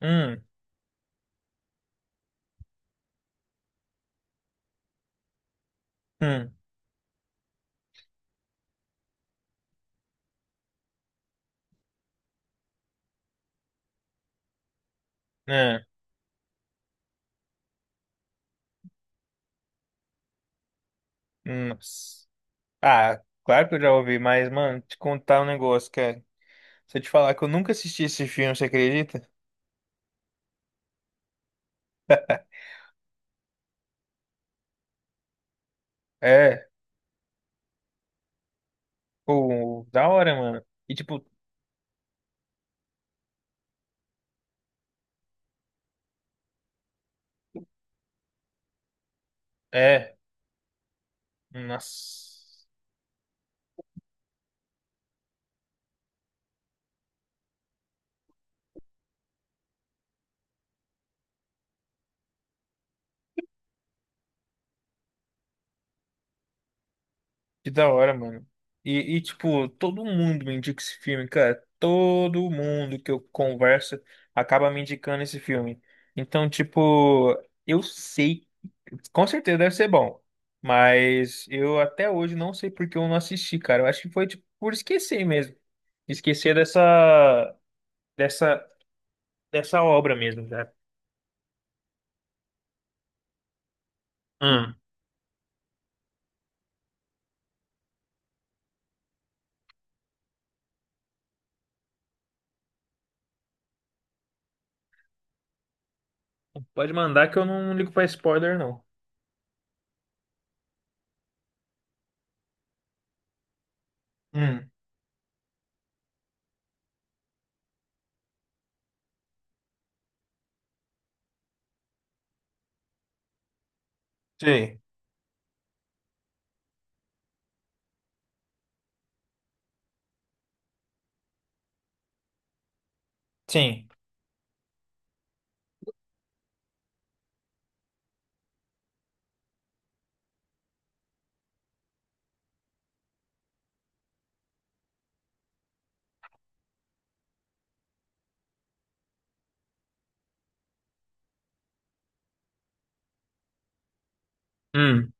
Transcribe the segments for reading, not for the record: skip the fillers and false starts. Hum, hum, é, nossa. Ah, claro que eu já ouvi, mas, mano, te contar um negócio, cara. Se eu te falar que eu nunca assisti esse filme, você acredita? É, pô, da hora, mano. E, tipo, é, nossa, que da hora, mano. E, tipo, todo mundo me indica esse filme, cara. Todo mundo que eu converso acaba me indicando esse filme. Então, tipo, eu sei. Com certeza deve ser bom. Mas eu até hoje não sei por que eu não assisti, cara. Eu acho que foi tipo, por esquecer mesmo. Esquecer dessa, dessa obra mesmo, cara. Hum. Pode mandar que eu não ligo pra spoiler, não. Hum, sei. Sim. Hum.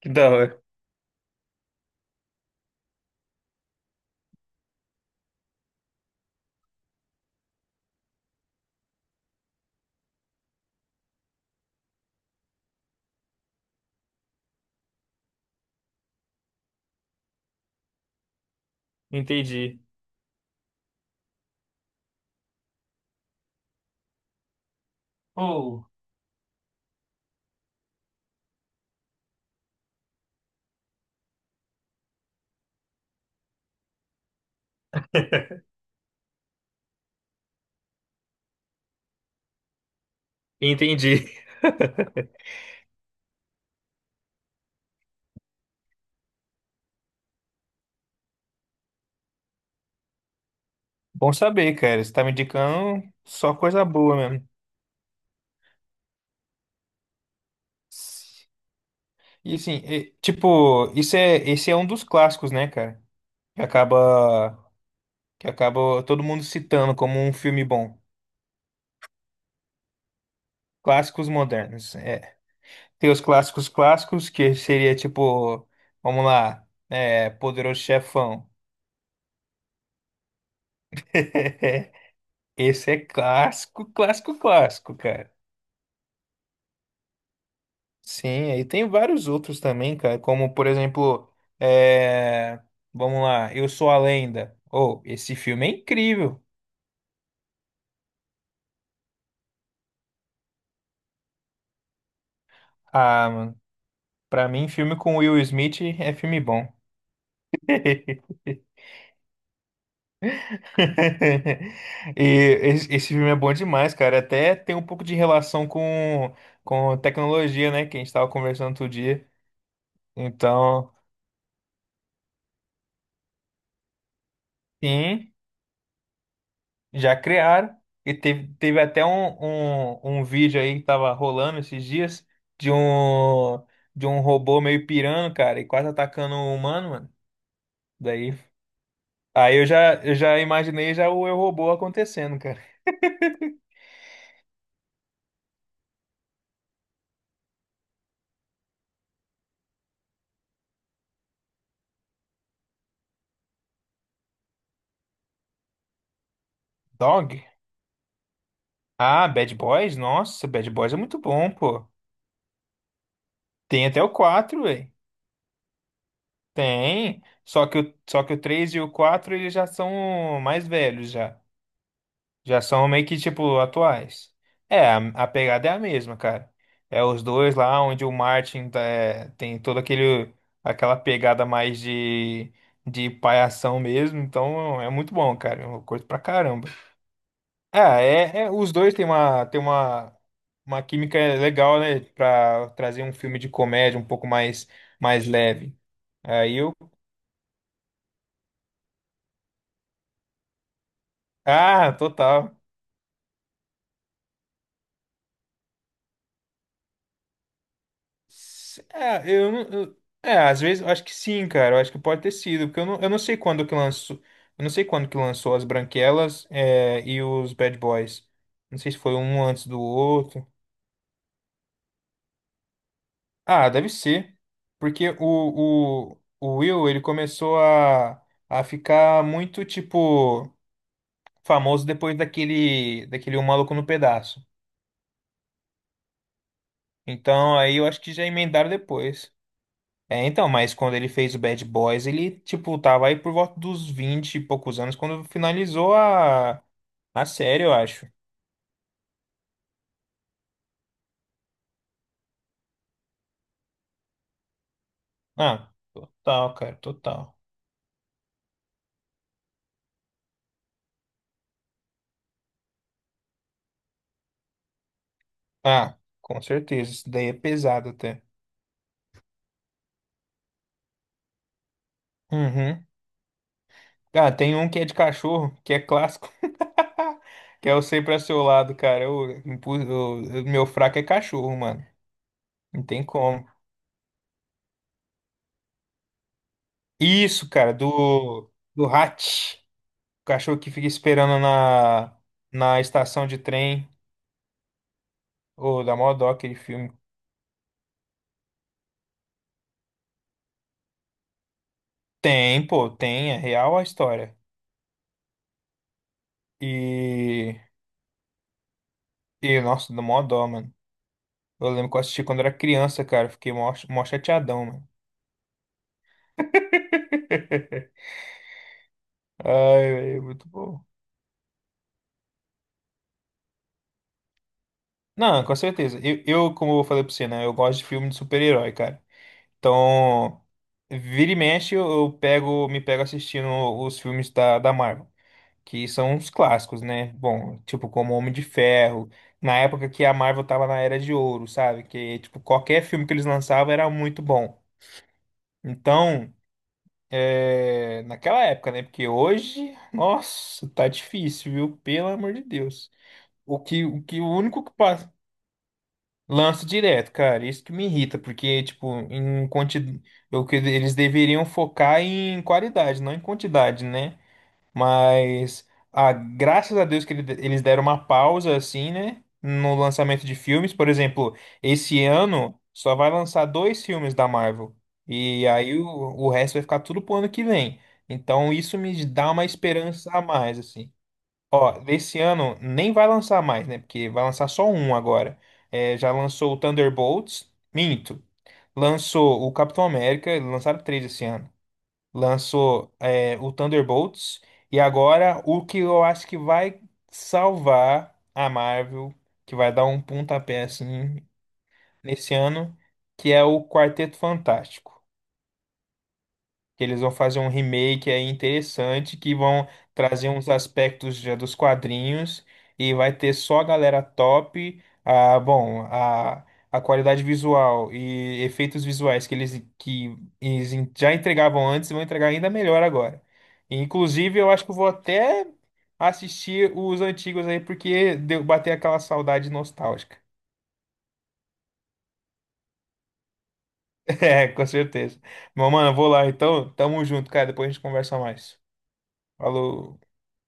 Que da hora. Entendi. Oh. Entendi. Bom saber, cara. Você tá me indicando só coisa boa mesmo. E assim, tipo, esse é um dos clássicos, né, cara? Que acaba todo mundo citando como um filme bom. Clássicos modernos. É. Tem os clássicos clássicos, que seria tipo, vamos lá, Poderoso Chefão. Esse é clássico, clássico, clássico, cara. Sim, aí tem vários outros também, cara, como por exemplo, é, vamos lá, Eu Sou a Lenda. Oh, esse filme é incrível. Ah, mano, pra mim, filme com Will Smith é filme bom. E esse filme é bom demais, cara. Até tem um pouco de relação com tecnologia, né? Que a gente tava conversando outro dia. Então, sim, já criaram. E teve, teve até um, um vídeo aí que tava rolando esses dias de um, de um robô meio pirando, cara, e quase atacando um humano, mano. Daí, aí eu já imaginei já o Eu Robô acontecendo, cara. Dog? Ah, Bad Boys? Nossa, Bad Boys é muito bom, pô. Tem até o 4, velho. Tem. Só que o 3 e o 4 eles já são mais velhos já. Já são meio que tipo atuais. É, a pegada é a mesma, cara. É os dois lá onde o Martin tá- tem toda aquele aquela pegada mais de palhação mesmo, então é muito bom, cara. Eu curto pra caramba. Ah, é, é- os dois têm uma, têm uma química legal, né? Pra trazer um filme de comédia um pouco mais, mais leve. Aí eu. Ah, total. É, às vezes eu acho que sim, cara. Eu acho que pode ter sido, porque eu não sei quando que lançou. Eu não sei quando que lançou as Branquelas, e os Bad Boys. Não sei se foi um antes do outro. Ah, deve ser. Porque o Will, ele começou a, ficar muito, tipo, famoso depois daquele Um Maluco no Pedaço. Então, aí eu acho que já emendaram depois. É, então, mas quando ele fez o Bad Boys, ele, tipo, tava aí por volta dos 20 e poucos anos, quando finalizou a série, eu acho. Ah, total, cara, total. Ah, com certeza. Isso daí é pesado até. Uhum. Cara, tem um que é de cachorro, que é clássico. Que é o sempre ao seu lado, cara. Meu fraco é cachorro, mano. Não tem como. Isso, cara, do Hatch. O cachorro que fica esperando na estação de trem. Ô, da dá mó dó aquele filme. Tem, pô, tem. É real a história. E, e nossa, dá mó dó, mano. Eu lembro que eu assisti quando era criança, cara. Fiquei mó, mó chateadão, mano. Ai, é muito bom. Não, com certeza. Como eu falei pra você, né? Eu gosto de filme de super-herói, cara. Então, vira e mexe, me pego assistindo os filmes da Marvel, que são os clássicos, né? Bom, tipo, como Homem de Ferro, na época que a Marvel tava na Era de Ouro, sabe? Que, tipo, qualquer filme que eles lançavam era muito bom. Então, é, naquela época, né? Porque hoje, nossa, tá difícil, viu? Pelo amor de Deus. O único que passa. Lança direto, cara. Isso que me irrita, porque, tipo, em quantidade. O que eles deveriam focar em qualidade, não em quantidade, né? Mas, ah, graças a Deus que eles deram uma pausa, assim, né? No lançamento de filmes. Por exemplo, esse ano só vai lançar dois filmes da Marvel. E aí o resto vai ficar tudo pro ano que vem. Então, isso me dá uma esperança a mais, assim. Ó, desse ano nem vai lançar mais, né? Porque vai lançar só um agora. É, já lançou o Thunderbolts, minto. Lançou o Capitão América, lançaram três esse ano. Lançou, o Thunderbolts. E agora o que eu acho que vai salvar a Marvel, que vai dar um pontapé assim nesse ano, que é o Quarteto Fantástico que eles vão fazer um remake aí interessante que vão trazer uns aspectos já dos quadrinhos e vai ter só a galera top, bom, a qualidade visual e efeitos visuais que eles já entregavam antes e vão entregar ainda melhor agora. E, inclusive, eu acho que eu vou até assistir os antigos aí porque deu bater aquela saudade nostálgica. É, com certeza. Mas, mano, eu vou lá então. Tamo junto, cara. Depois a gente conversa mais. Falou.